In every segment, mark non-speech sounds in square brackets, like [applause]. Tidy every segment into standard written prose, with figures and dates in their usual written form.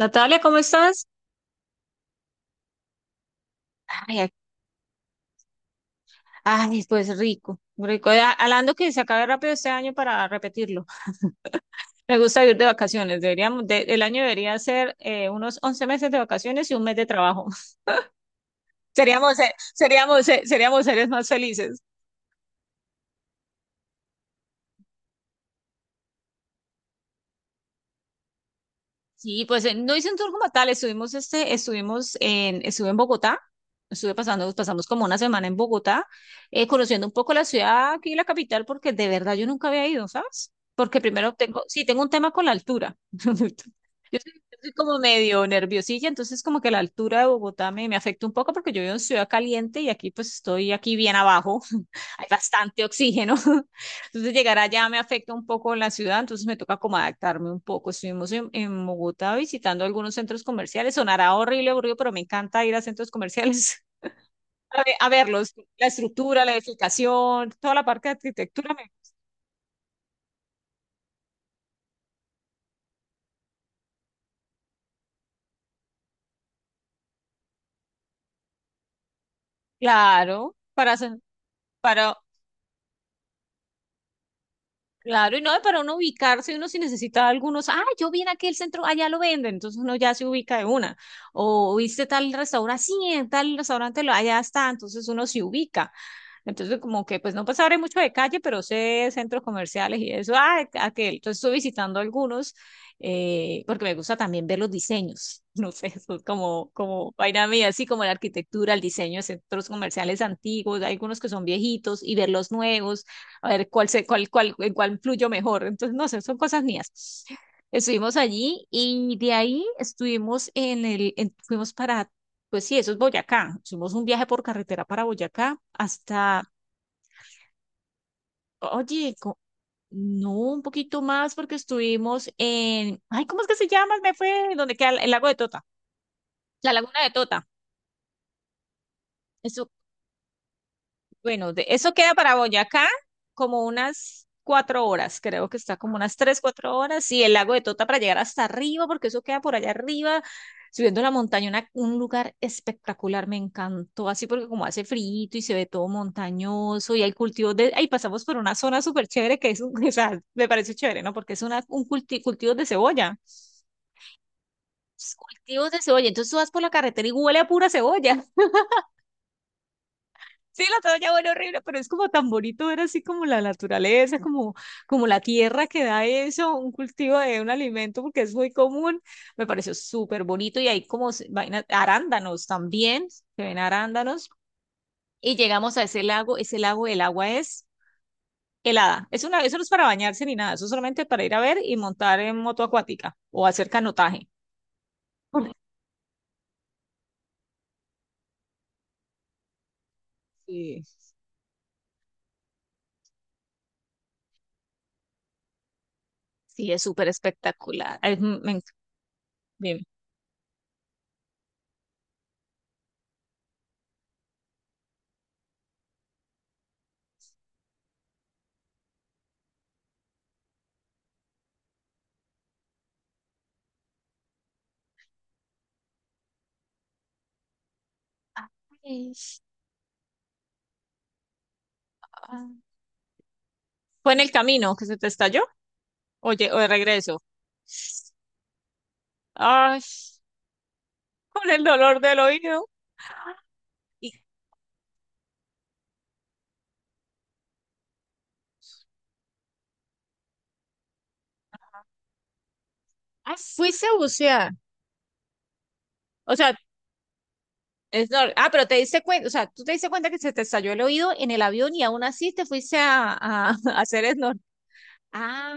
Natalia, ¿cómo estás? Ay, ac- ay, pues rico, rico. Ya, hablando que se acabe rápido este año para repetirlo. [laughs] Me gusta ir de vacaciones. Deberíamos, el año debería ser unos 11 meses de vacaciones y un mes de trabajo. [laughs] Seríamos seres más felices. Sí, pues no hice un tour como tal, estuvimos, este, estuvimos en, estuve en Bogotá, pasamos como una semana en Bogotá, conociendo un poco la ciudad aquí, la capital, porque de verdad yo nunca había ido, ¿sabes? Porque primero tengo, sí, tengo un tema con la altura. [laughs] Yo soy como medio nerviosilla, entonces como que la altura de Bogotá me afecta un poco porque yo vivo en ciudad caliente y aquí pues estoy aquí bien abajo, [laughs] hay bastante oxígeno. Entonces llegar allá me afecta un poco la ciudad, entonces me toca como adaptarme un poco. Estuvimos en Bogotá visitando algunos centros comerciales, sonará horrible, aburrido, pero me encanta ir a centros comerciales [laughs] a verlos, la estructura, la edificación, toda la parte de arquitectura. Claro, para. Claro, y no, y para uno ubicarse, uno si necesita algunos, ah, yo vi en aquel centro, allá lo venden, entonces uno ya se ubica de una. O viste tal restaurante, sí, en tal restaurante, allá está, entonces uno se ubica. Entonces, como que, pues no pues sabré mucho de calle, pero sé centros comerciales y eso, ah, aquel. Entonces, estoy visitando algunos, porque me gusta también ver los diseños, [laughs] no sé, eso es como vaina mía, así como la arquitectura, el diseño de centros comerciales antiguos, hay algunos que son viejitos y ver los nuevos a ver cuál se, cuál, cuál, en cuál fluyo mejor. Entonces, no sé, son cosas mías. Estuvimos allí y de ahí estuvimos fuimos para, pues sí, eso es Boyacá. Hicimos un viaje por carretera para Boyacá hasta, oye, no, un poquito más porque estuvimos en, ay, ¿cómo es que se llama? Me fue, donde queda el lago de Tota, la laguna de Tota. Bueno, eso queda para Boyacá como unas 4 horas, creo que está como unas 3, 4 horas, y el lago de Tota para llegar hasta arriba, porque eso queda por allá arriba, subiendo la montaña, un lugar espectacular, me encantó, así porque como hace frío y se ve todo montañoso, y hay cultivos de, ahí pasamos por una zona súper chévere que es, [laughs] o sea, me parece chévere, ¿no? Porque es un cultivo de cebolla, cultivos de cebolla, entonces tú vas por la carretera y huele a pura cebolla. Sí, la toalla huele horrible, pero es como tan bonito ver así como la naturaleza, como, como la tierra que da eso, un cultivo de un alimento, porque es muy común. Me pareció súper bonito y hay vainas, arándanos también, se ven arándanos. Y llegamos a ese lago, el agua es helada. Es una, eso no es para bañarse ni nada, eso es solamente para ir a ver y montar en moto acuática o hacer canotaje. [laughs] Sí, sí, es súper espectacular. Ay, bien. Ay, ah. ¿Fue en el camino que se te estalló? Oye, o de regreso. Ay, con el dolor del oído. Y, ah, fuiste a bucear. O sea, es nor- ah, pero te diste cuenta, o sea, tú te diste cuenta que se te estalló el oído en el avión y aún así te fuiste [laughs] a hacer snor. Ah,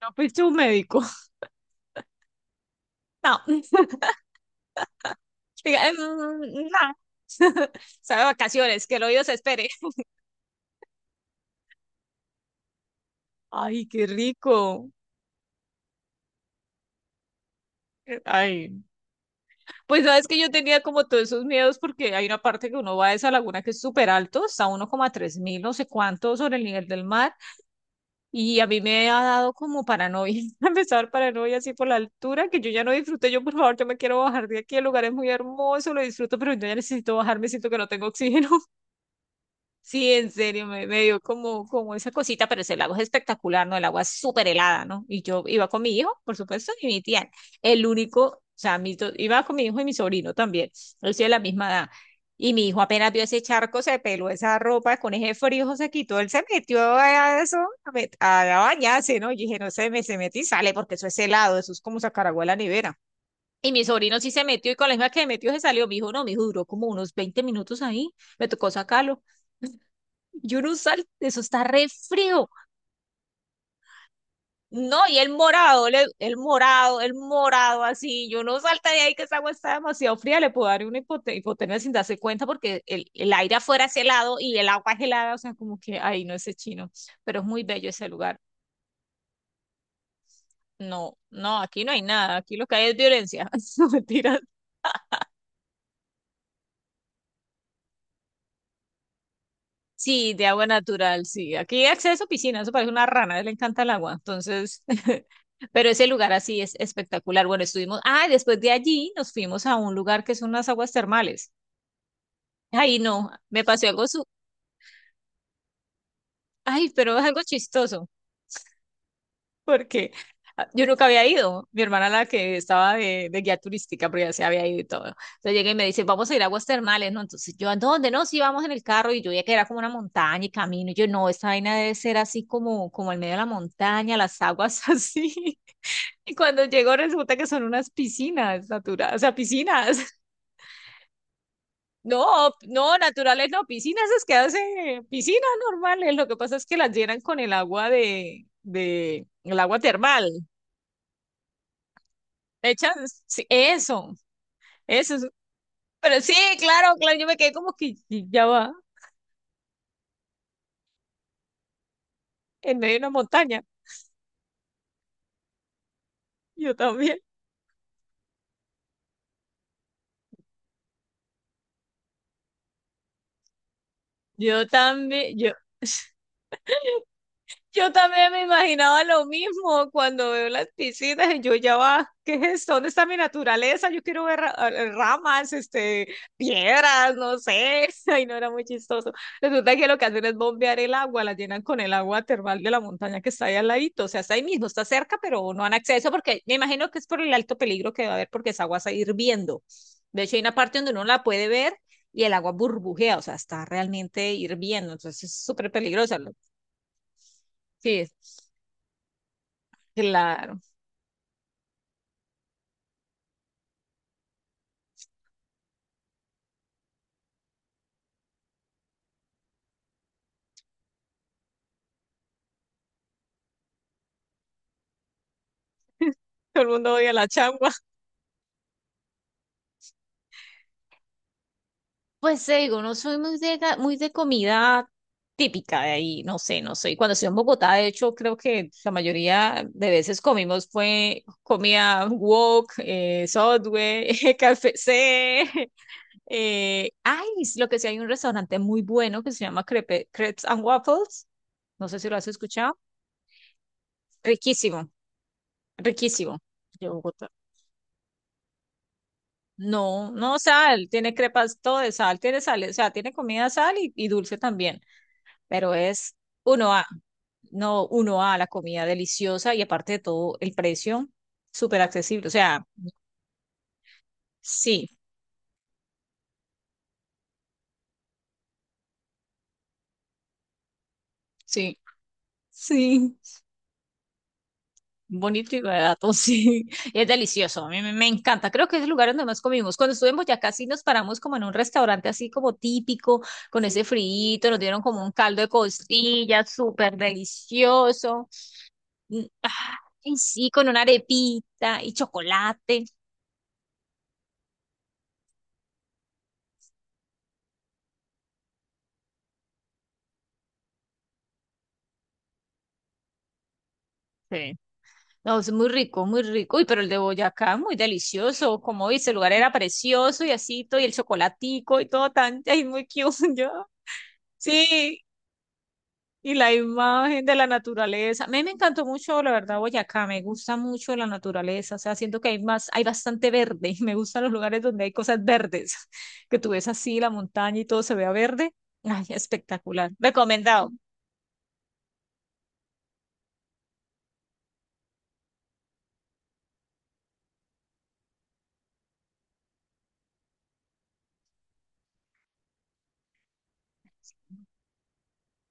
no fuiste un médico. [laughs] No. Diga, "Mm, no, o sea, de vacaciones, que el oído se espere. Ay, qué rico. Ay. Pues sabes que yo tenía como todos esos miedos porque hay una parte que uno va a esa laguna que es súper alto, está a uno coma tres mil, no sé cuánto sobre el nivel del mar, y a mí me ha dado como paranoia, [laughs] empezar paranoia así por la altura, que yo ya no disfruté, yo por favor, yo me quiero bajar de aquí, el lugar es muy hermoso, lo disfruto, pero yo ya necesito bajarme, siento que no tengo oxígeno. Sí, en serio, me dio como, como esa cosita, pero ese lago es espectacular, ¿no? El agua es súper helada, ¿no? Y yo iba con mi hijo, por supuesto, y mi tía, el único, o sea, mis dos- iba con mi hijo y mi sobrino también, ellos de la misma edad. Y mi hijo apenas vio ese charco, se peló esa ropa, con ese frío se quitó, él se metió a eso, a bañarse, ¿no? Y dije, no se me se mete y sale, porque eso es helado, eso es como sacar agua de la nevera. Y mi sobrino sí se metió, y con la misma que se metió se salió, mi hijo no, mi hijo duró como unos 20 minutos ahí, me tocó sacarlo. Y uno usa, eso está re frío. No, y el morado, el morado, el morado así. Yo no salta de ahí que esa agua está demasiado fría. Le puedo dar una hipotermia sin darse cuenta porque el aire afuera es helado y el agua es helada. O sea, como que ahí no es chino. Pero es muy bello ese lugar. No, no, aquí no hay nada. Aquí lo que hay es violencia. [laughs] No, mentiras. Sí, de agua natural, sí. Aquí hay acceso a piscina, eso parece una rana, a él le encanta el agua. Entonces, [laughs] pero ese lugar así es espectacular. Bueno, estuvimos, ah, y después de allí nos fuimos a un lugar que son unas aguas termales. Ay, no, me pasó algo, ay, pero es algo chistoso. Porque ah, yo nunca había ido. Mi hermana la que estaba de guía turística, pero ya se había ido y todo. Entonces llega y me dice, vamos a ir a aguas termales, ¿no? Entonces yo, ¿a dónde? No, sí, vamos en el carro y yo veía que era como una montaña y camino. Y yo, no, esta vaina debe ser así como, como en medio de la montaña, las aguas [laughs] así. Y cuando llego resulta que son unas piscinas naturales, o sea, piscinas. [laughs] No, no, naturales no, piscinas es que hace piscinas normales. Lo que pasa es que las llenan con el agua el agua termal. Le echas sí, eso, eso. Pero sí, claro, claro, yo me quedé como que y ya va, en medio de una montaña. Yo también. Yo también, yo también me imaginaba lo mismo cuando veo las piscinas y yo ya va, ¿qué es esto? ¿Dónde está mi naturaleza? Yo quiero ver ramas, este, piedras, no sé. [laughs] Ay, no era muy chistoso. Resulta que lo que hacen es bombear el agua, la llenan con el agua termal de la montaña que está ahí al ladito, o sea, está ahí mismo, está cerca, pero no han acceso porque me imagino que es por el alto peligro que va a haber porque esa agua está hirviendo. De hecho, hay una parte donde uno la puede ver y el agua burbujea, o sea, está realmente hirviendo, entonces es súper peligrosa. Sí, claro, [laughs] todo el mundo odia la changua. Pues te digo, no soy muy muy de comida típica de ahí, no sé, no soy. Cuando estoy en Bogotá, de hecho, creo que la mayoría de veces comimos fue comida wok, Subway, [laughs] KFC. Ay, es lo que sí, hay un restaurante muy bueno que se llama Crepes and Waffles, no sé si lo has escuchado, riquísimo, riquísimo. De Bogotá. No, no sal, tiene crepas todo de sal, tiene sal, o sea, tiene comida sal y dulce también, pero es uno a, no uno a la comida deliciosa y aparte de todo el precio súper accesible, o sea, sí, sí, sí, bonito y barato, [laughs] sí, y es delicioso, a mí me encanta, creo que es el lugar donde más comimos, cuando estuvimos ya casi nos paramos como en un restaurante así como típico, con ese friito. Nos dieron como un caldo de costilla súper delicioso. Mm, ah. Ay, sí, con una arepita y chocolate. Sí. No, es muy rico, muy rico. Uy, pero el de Boyacá, muy delicioso. Como dice, el lugar era precioso y así, todo, y el chocolatico y todo tan, [laughs] ay, muy cute, [laughs] yo. Sí, y la imagen de la naturaleza. A mí me encantó mucho, la verdad, Boyacá. Me gusta mucho la naturaleza. O sea, siento que hay más, hay bastante verde. [laughs] Me gustan los lugares donde hay cosas verdes. [laughs] Que tú ves así la montaña y todo se vea verde. Ay, espectacular. Recomendado.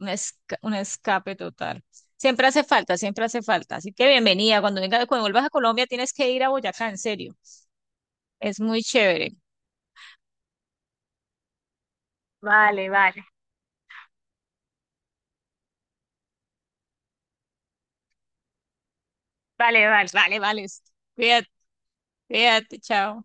Un escape total. Siempre hace falta, siempre hace falta. Así que bienvenida. Cuando venga, cuando vuelvas a Colombia tienes que ir a Boyacá, en serio. Es muy chévere. Vale, vale, vale, vale. Vale, vale. Cuídate, cuídate, chao.